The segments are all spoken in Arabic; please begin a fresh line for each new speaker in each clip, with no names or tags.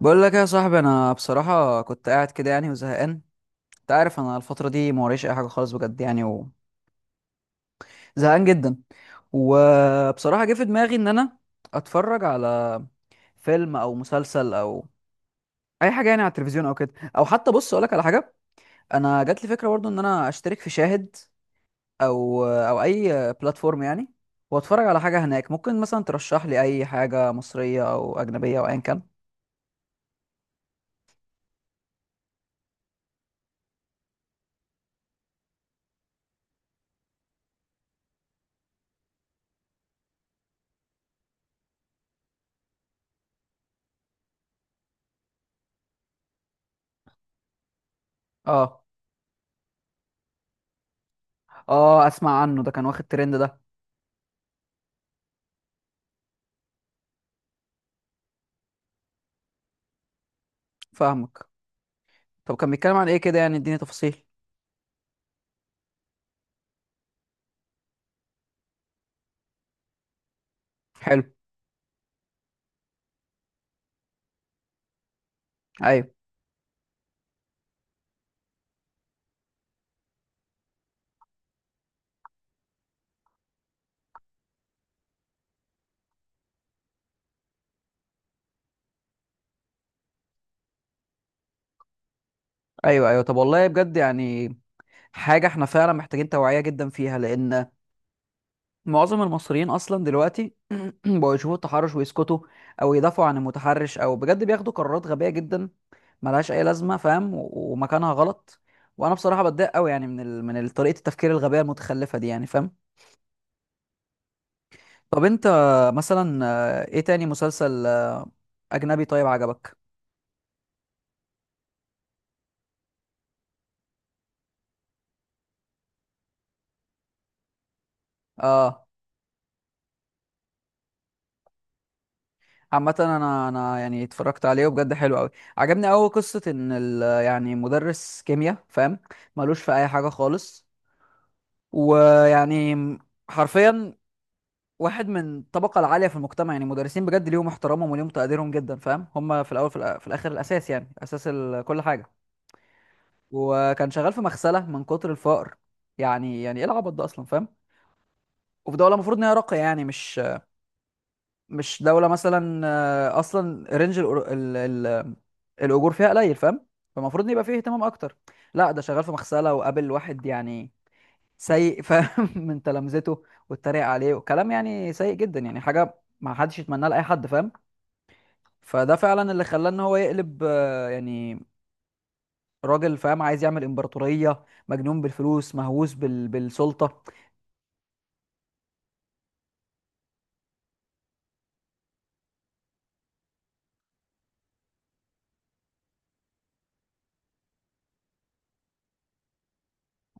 بقول لك يا صاحبي، انا بصراحه كنت قاعد كده وزهقان. انت عارف انا الفتره دي ما وريش اي حاجه خالص بجد وزهقان جدا. وبصراحه جه في دماغي ان انا اتفرج على فيلم او مسلسل او اي حاجه يعني على التلفزيون او كده، او حتى بص اقول لك على حاجه، انا جات لي فكره برضو ان انا اشترك في شاهد او اي بلاتفورم يعني، واتفرج على حاجه هناك، ممكن مثلا ترشح لي اي حاجه مصريه او اجنبيه او ايا كان. اه. اه، اسمع عنه، ده كان واخد ترند ده. فاهمك. طب كان بيتكلم عن ايه كده؟ يعني اديني تفاصيل. حلو. ايوه. ايوه ايوه، طب والله بجد يعني حاجه احنا فعلا محتاجين توعيه جدا فيها، لان معظم المصريين اصلا دلوقتي بقوا يشوفوا التحرش ويسكتوا، او يدافعوا عن المتحرش، او بجد بياخدوا قرارات غبيه جدا ملهاش اي لازمه، فاهم؟ و- ومكانها غلط. وانا بصراحه بتضايق قوي يعني من ال- طريقه التفكير الغبيه المتخلفه دي، يعني فاهم؟ طب انت مثلا، ايه تاني مسلسل اجنبي طيب عجبك؟ اه. عامة انا يعني اتفرجت عليه وبجد حلو قوي. عجبني قوي قصة ان ال يعني مدرس كيمياء، فاهم؟ ملوش في اي حاجة خالص. ويعني حرفيا واحد من الطبقة العالية في المجتمع، يعني مدرسين بجد ليهم احترامهم وليهم تقديرهم جدا، فاهم؟ هم في الاول في الاخر الاساس، يعني اساس ال- كل حاجة. وكان شغال في مغسلة من كتر الفقر، يعني يعني ايه العبط ده اصلا؟ فاهم؟ وفي دولة المفروض ان هي راقية يعني، مش دولة مثلا أصلا رينج الأجور فيها قليل، فاهم؟ فالمفروض يبقى فيه اهتمام أكتر. لا ده شغال في مغسلة، وقابل واحد يعني سيء، فاهم؟ من تلامذته. واتريق عليه وكلام يعني سيء جدا، يعني حاجة ما حدش يتمناها لأي حد، فاهم؟ فده فعلا اللي خلاه إن هو يقلب يعني راجل، فاهم؟ عايز يعمل إمبراطورية، مجنون بالفلوس، مهووس بالسلطة.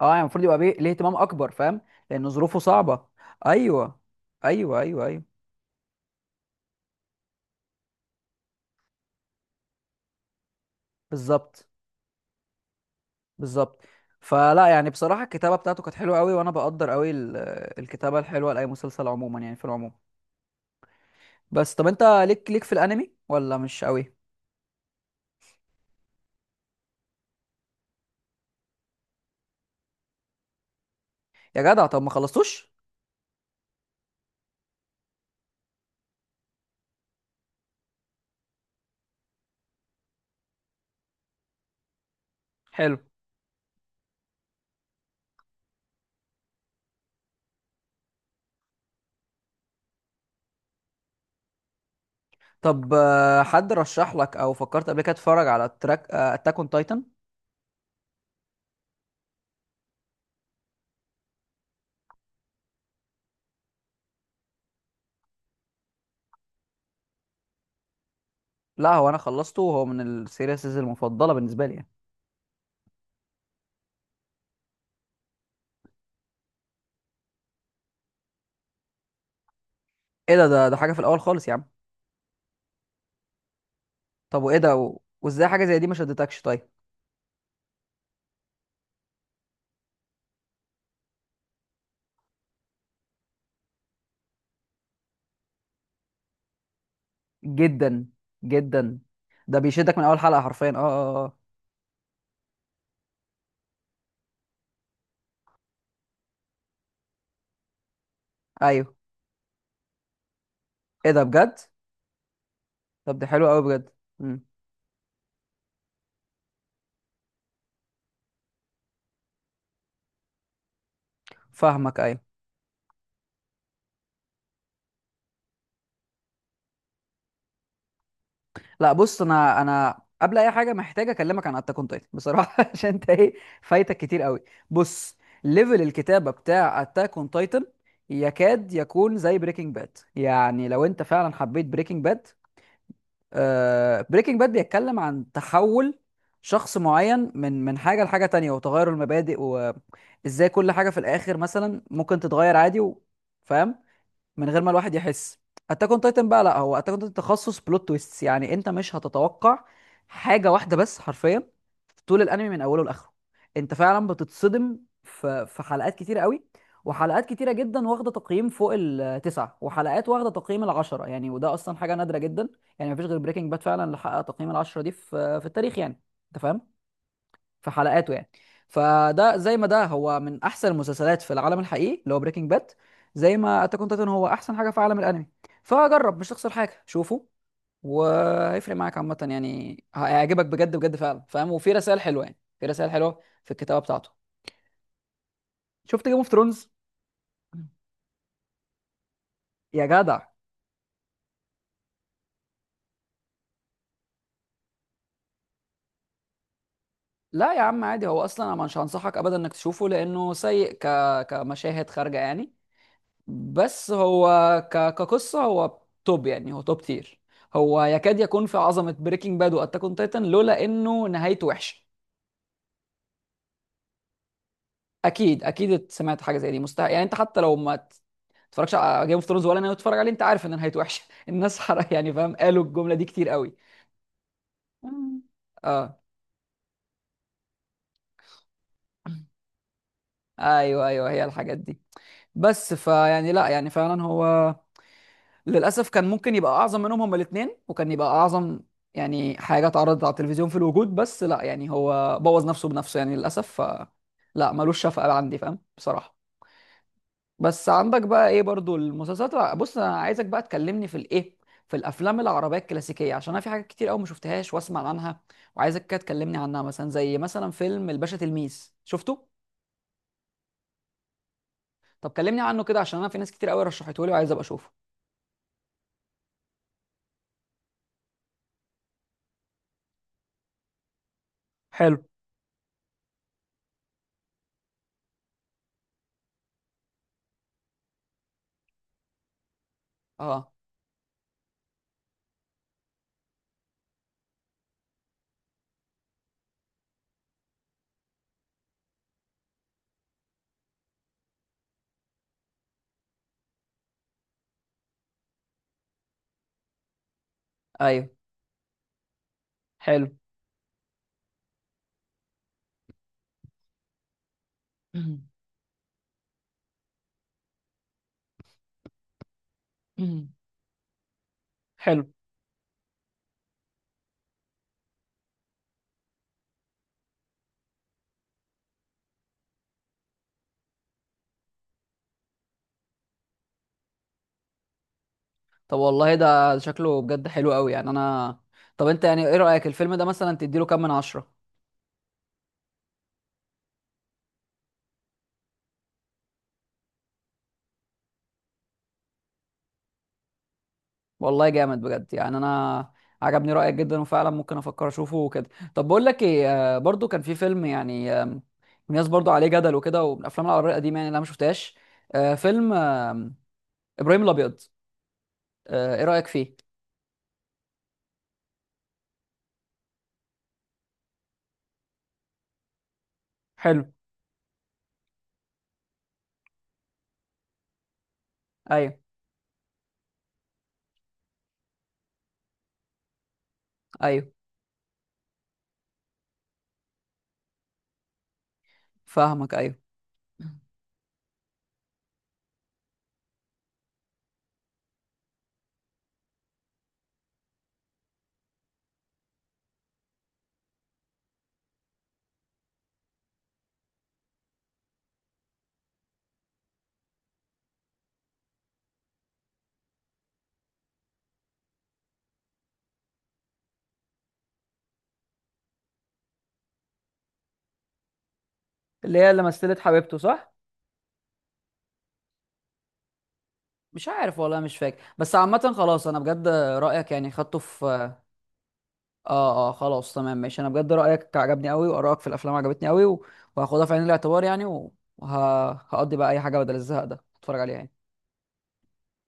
اه يعني المفروض يبقى بيه ليه اهتمام أكبر، فاهم؟ لأن ظروفه صعبة. أيوه. أيوه، أيوه، أيوه، بالظبط. بالظبط. فلا يعني بصراحة الكتابة بتاعته كانت حلوة قوي، وانا بقدر قوي ال- الكتابة الحلوة لأي مسلسل عموما، يعني في العموم. بس طب انت ليك في الانمي ولا مش قوي؟ يا جدع طب ما خلصتوش؟ حلو. طب حد رشح لك او فكرت قبل كده تتفرج على اتاك اون تايتن؟ لا هو انا خلصته، وهو من السيريسز المفضلة بالنسبة لي يعني. ايه ده؟ ده حاجة في الاول خالص يا عم. طب وايه ده؟ و... وازاي حاجة زي دي ما شدتكش طيب؟ جدا. جدا. ده بيشدك من اول حلقة حرفيا. اه، اه، اه، ايوه. ايه ده بجد؟ طب ده حلو قوي بجد. امم. فاهمك. ايوه، لا بص انا قبل اي حاجه محتاج اكلمك عن اتاك اون تايتن بصراحه، عشان انت ايه، فايتك كتير قوي. بص، ليفل الكتابه بتاع اتاك اون تايتن يكاد يكون زي بريكنج باد، يعني لو انت فعلا حبيت بريكنج باد. آه بريكنج باد بيتكلم عن تحول شخص معين من حاجه لحاجه تانية، وتغير المبادئ، وازاي كل حاجه في الاخر مثلا ممكن تتغير عادي فاهم؟ من غير ما الواحد يحس. اتاك اون تايتن بقى لا، هو اتاك اون تايتن تخصص بلوت تويستس. يعني انت مش هتتوقع حاجه واحده بس حرفيا في طول الانمي من اوله لاخره. انت فعلا بتتصدم في حلقات كتيره قوي. وحلقات كتيره جدا واخده تقييم فوق التسعه، وحلقات واخده تقييم العشره يعني، وده اصلا حاجه نادره جدا. يعني مفيش غير بريكنج باد فعلا اللي حقق تقييم العشره دي في التاريخ، يعني انت فاهم؟ في حلقاته يعني. فده زي ما ده هو من احسن المسلسلات في العالم الحقيقي اللي هو بريكنج باد، زي ما اتاك اون تايتن هو احسن حاجه في عالم الانمي. فجرب، مش تخسر حاجه، شوفه. وهيفرق معاك عامه، يعني هيعجبك بجد بجد فعلا، فاهم؟ وفي رسائل حلوه، يعني في رسائل حلوه في الكتابه بتاعته. شفت جيم اوف ثرونز؟ يا جدع، لا يا عم عادي، هو اصلا انا مش هنصحك ابدا انك تشوفه لانه سيء كمشاهد خارجه يعني. بس هو كقصة هو توب، يعني هو توب تير. هو يكاد يكون في عظمة بريكنج باد واتاك اون تايتن لولا انه نهايته وحشة. اكيد اكيد سمعت حاجة زي دي، مستحيل يعني انت حتى لو ما ت- تتفرجش على جيم اوف ثرونز ولا انا بتتفرج عليه، انت عارف ان نهايته وحشة. الناس حرق يعني، فاهم؟ قالوا الجملة دي كتير قوي. مم. اه. ايوه ايوه، هي الحاجات دي. بس فيعني لا يعني فعلا هو للاسف كان ممكن يبقى اعظم منهم هما الاثنين، وكان يبقى اعظم يعني حاجه اتعرضت على التلفزيون في الوجود، بس لا يعني هو بوظ نفسه بنفسه يعني، للاسف لا ملوش شفقه عندي، فاهم بصراحه؟ بس عندك بقى ايه برضو المسلسلات بص انا عايزك بقى تكلمني في الايه، في الافلام العربيه الكلاسيكيه، عشان انا في حاجات كتير قوي ما شفتهاش واسمع عنها، وعايزك كده تكلمني عنها. مثلا زي مثلا فيلم الباشا تلميذ شفته؟ طب كلمني عنه كده، عشان انا في ناس كتير قوي رشحته لي وعايز ابقى اشوفه. حلو. اه. ايوه. حلو. حلو. طب والله ده شكله بجد حلو قوي يعني، انا طب انت يعني ايه رأيك الفيلم ده مثلا تديله كام من عشرة؟ والله جامد بجد يعني، انا عجبني رأيك جدا، وفعلا ممكن افكر اشوفه وكده. طب بقول لك ايه، برضو كان في فيلم يعني الناس برضو عليه جدل وكده، ومن الافلام العربية القديمة يعني اللي انا ما شفتهاش، فيلم ابراهيم الابيض. ايه رأيك فيه؟ حلو. ايوه ايوه فاهمك. ايوه اللي هي اللي مثلت حبيبته صح؟ مش عارف والله مش فاكر، بس عامة خلاص انا بجد رأيك يعني خدته في. اه اه خلاص تمام ماشي، انا بجد رايك عجبني قوي وارائك في الافلام عجبتني قوي، و- وهاخدها في عين الاعتبار يعني، وهقضي بقى اي حاجه بدل الزهق ده اتفرج عليها يعني.